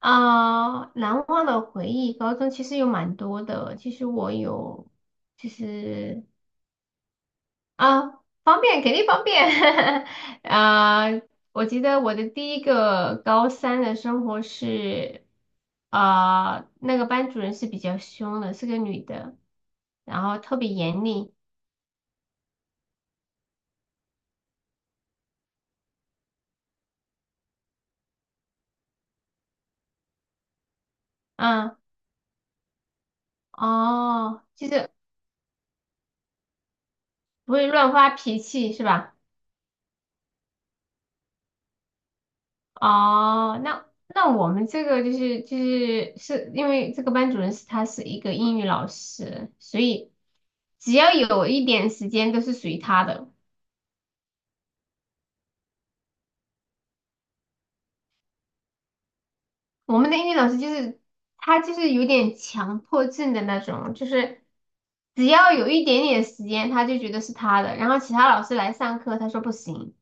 啊，难忘的回忆，高中其实有蛮多的。其实我有，就是啊，方便肯定方便。啊，我记得我的第一个高三的生活是，啊，那个班主任是比较凶的，是个女的，然后特别严厉。啊，哦，就是不会乱发脾气是吧？哦，那我们这个就是因为这个班主任是一个英语老师，所以只要有一点时间都是属于他的。我们的英语老师就是他就是有点强迫症的那种，就是只要有一点点时间他就觉得是他的，然后其他老师来上课他说不行。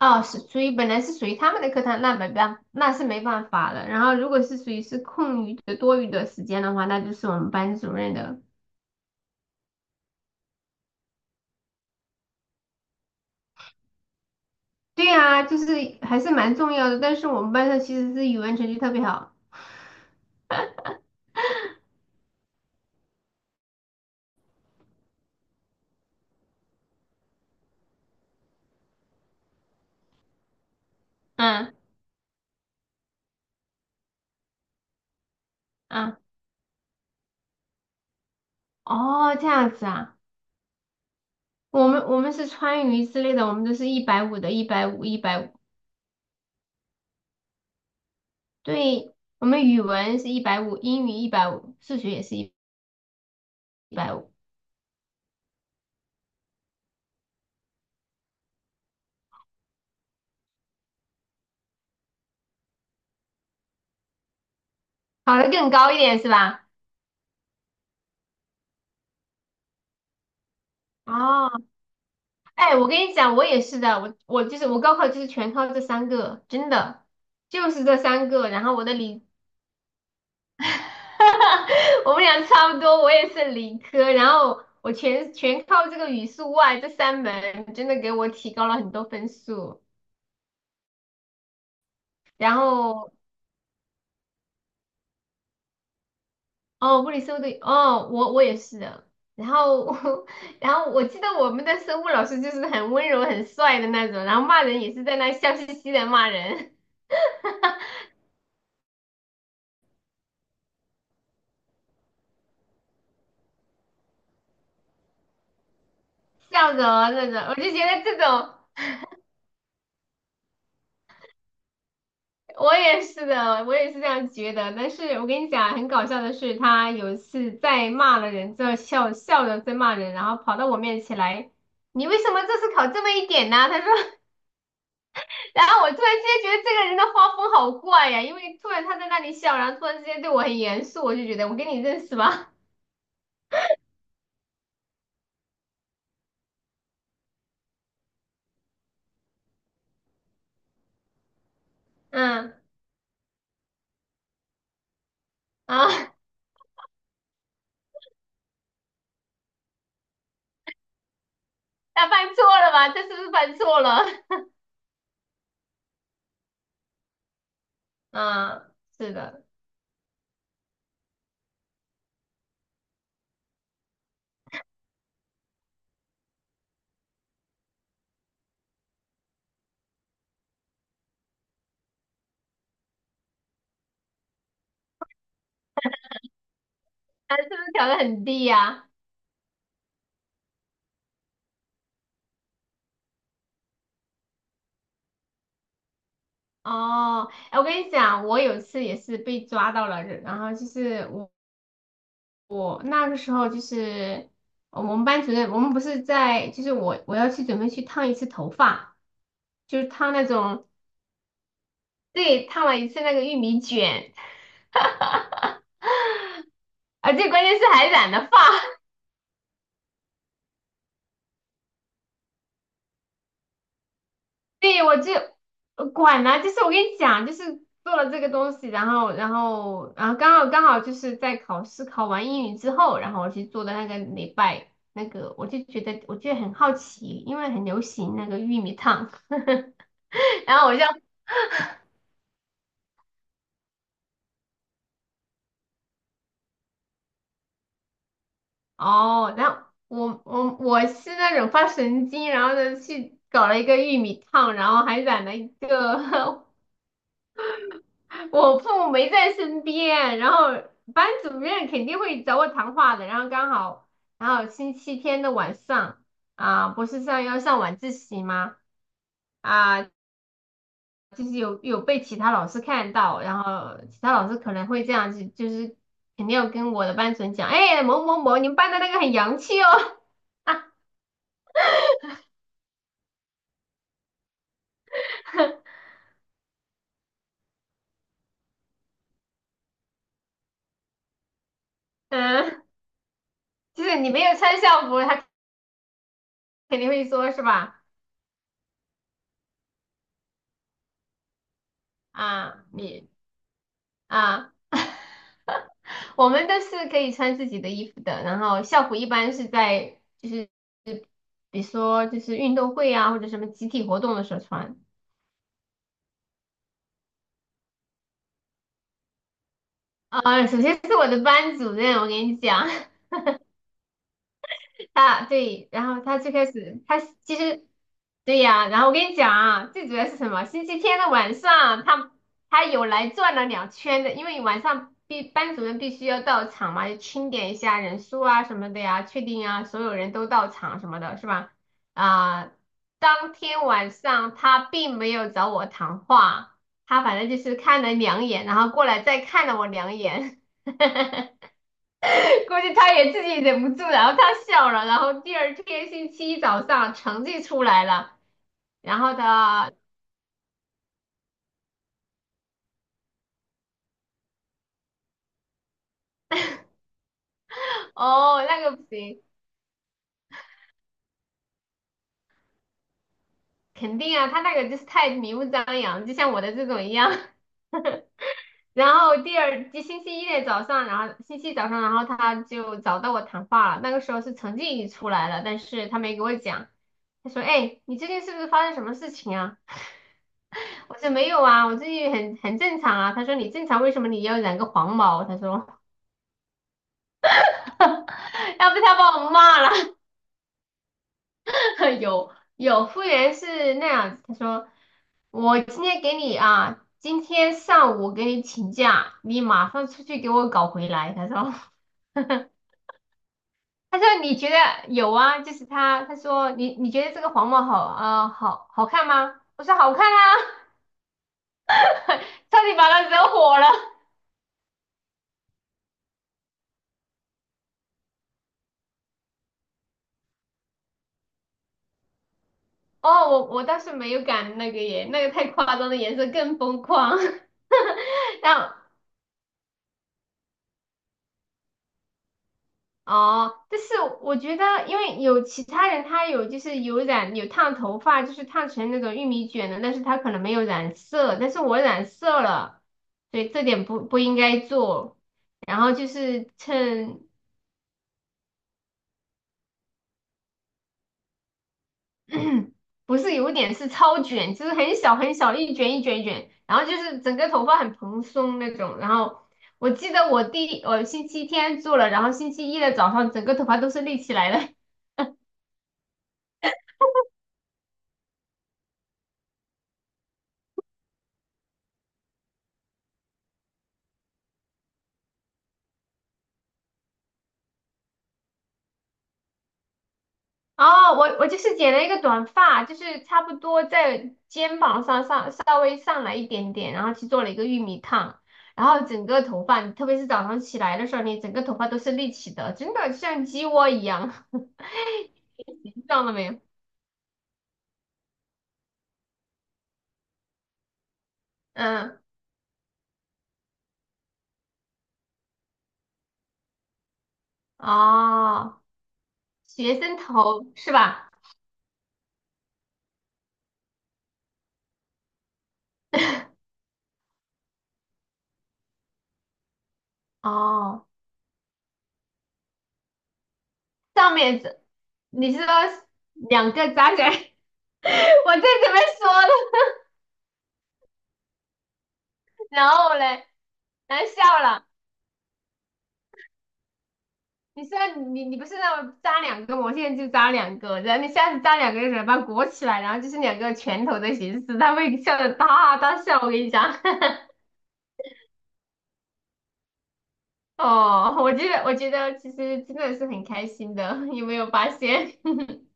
哦，是属于本来是属于他们的课堂，那没办，那是没办法的。然后如果是属于是空余的、多余的时间的话，那就是我们班主任的。对呀，就是还是蛮重要的。但是我们班上其实是语文成绩特别好。嗯嗯，哦，这样子啊，我们是川渝之类的，我们都是一百五的，一百五，一百五。对，我们语文是一百五，英语一百五，数学也是一百五，考得更高一点是吧？哦，哎，我跟你讲，我也是的，我就是我高考就是全靠这三个，真的就是这三个。然后我的理 哈哈，我们俩差不多，我也是理科，然后我全靠这个语数外这三门，真的给我提高了很多分数。然后哦，物理生物对，哦，我也是的。然后 然后我记得我们的生物老师就是很温柔、很帅的那种，然后骂人也是在那笑嘻嘻的骂人，笑着那种，我就觉得这种。我也是的，我也是这样觉得。但是我跟你讲，很搞笑的是，他有一次在骂了人之后，笑笑着在骂人，然后跑到我面前来，你为什么这次考这么一点呢？他说，然后我突然之间觉得这个人的画风好怪呀，因为突然他在那里笑，然后突然之间对我很严肃，我就觉得我跟你认识吧？嗯啊，他犯错了吧？他是不是犯错了？嗯，是的，他是不是调的很低呀？哦，哎，我跟你讲，我有一次也是被抓到了，然后就是我我那个时候就是我们班主任，我们不是在，就是我要去准备去烫一次头发，就是烫那种，对，烫了一次那个玉米卷，而且关键是还染了发，对，我就管、就是我跟你讲，就是做了这个东西，然后，然后，然后刚好就是在考试考完英语之后，然后我去做的那个礼拜，那个我就觉得我觉得很好奇，因为很流行那个玉米烫，然后我就哦，然后我是那种发神经，然后呢去搞了一个玉米烫，然后还染了一个 我父母没在身边，然后班主任肯定会找我谈话的。然后刚好，然后星期天的晚上啊，不是上要上晚自习吗？啊，就是有被其他老师看到，然后其他老师可能会这样子，就是肯定要跟我的班主任讲，哎，某某某，你们班的那个很洋气哦，嗯，就是你没有穿校服，他肯定会说是吧？啊，你。啊。我们都是可以穿自己的衣服的，然后校服一般是在就是比如说就是运动会啊或者什么集体活动的时候穿。啊，首先是我的班主任，我跟你讲，啊，对，然后他最开始，他其实，对呀，然后我跟你讲啊，最主要是什么？星期天的晚上，他有来转了两圈的，因为晚上班主任必须要到场嘛，要清点一下人数啊什么的呀，确定啊所有人都到场什么的，是吧？啊、当天晚上他并没有找我谈话，他反正就是看了两眼，然后过来再看了我两眼。估计他也自己忍不住，然后他笑了，然后第二天星期一早上成绩出来了，然后他哦那个不行，肯定啊，他那个就是太明目张扬，就像我的这种一样。然后第二星期一的早上，然后星期一早上，然后他就找到我谈话了。那个时候是成绩已经出来了，但是他没给我讲。他说："哎，你最近是不是发生什么事情啊？" 我说："没有啊，我最近很正常啊。"他说："你正常，为什么你要染个黄毛？"他说： 要不他把我骂了。有服务员是那样子，他说我今天给你啊，今天上午给你请假，你马上出去给我搞回来。他说，他说你觉得有啊？就是他，他说你你觉得这个黄帽好啊、好好看吗？我说好看啊，差点把他惹火了。哦，我倒是没有敢那个耶，那个太夸张的颜色更疯狂。然后哦，但是我觉得，因为有其他人他有就是有染有烫头发，就是烫成那种玉米卷的，但是他可能没有染色，但是我染色了，所以这点不应该做。然后就是趁 不是有点是超卷，就是很小很小一卷一卷一卷，然后就是整个头发很蓬松那种。然后我记得我星期天做了，然后星期一的早上整个头发都是立起来的。哦，我就是剪了一个短发，就是差不多在肩膀上稍微上来一点点，然后去做了一个玉米烫，然后整个头发，特别是早上起来的时候，你整个头发都是立起的，真的像鸡窝一样，你知道了没有？嗯，哦，学生头是吧？哦，上面这你是说两个扎起来？我正准备说呢，然后嘞，难笑了。你现在你不是让我扎两个吗？我现在就扎两个，然后你下次扎两个的时候把它裹起来，然后就是两个拳头的形式，他会笑得大大笑。我跟你讲，哦，我觉得其实真的是很开心的，有没有发现？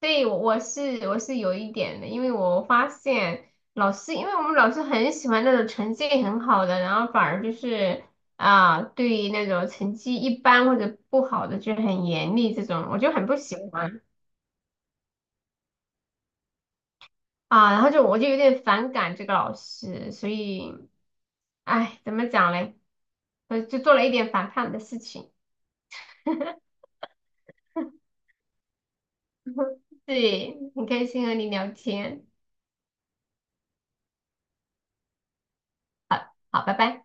对，我是有一点的，因为我发现老师，因为我们老师很喜欢那种成绩很好的，然后反而就是啊，对于那种成绩一般或者不好的就很严厉这种，我就很不喜欢。啊，然后就有点反感这个老师，所以，哎，怎么讲嘞？就做了一点反叛的事情。对，很开心和你聊天，好，拜拜。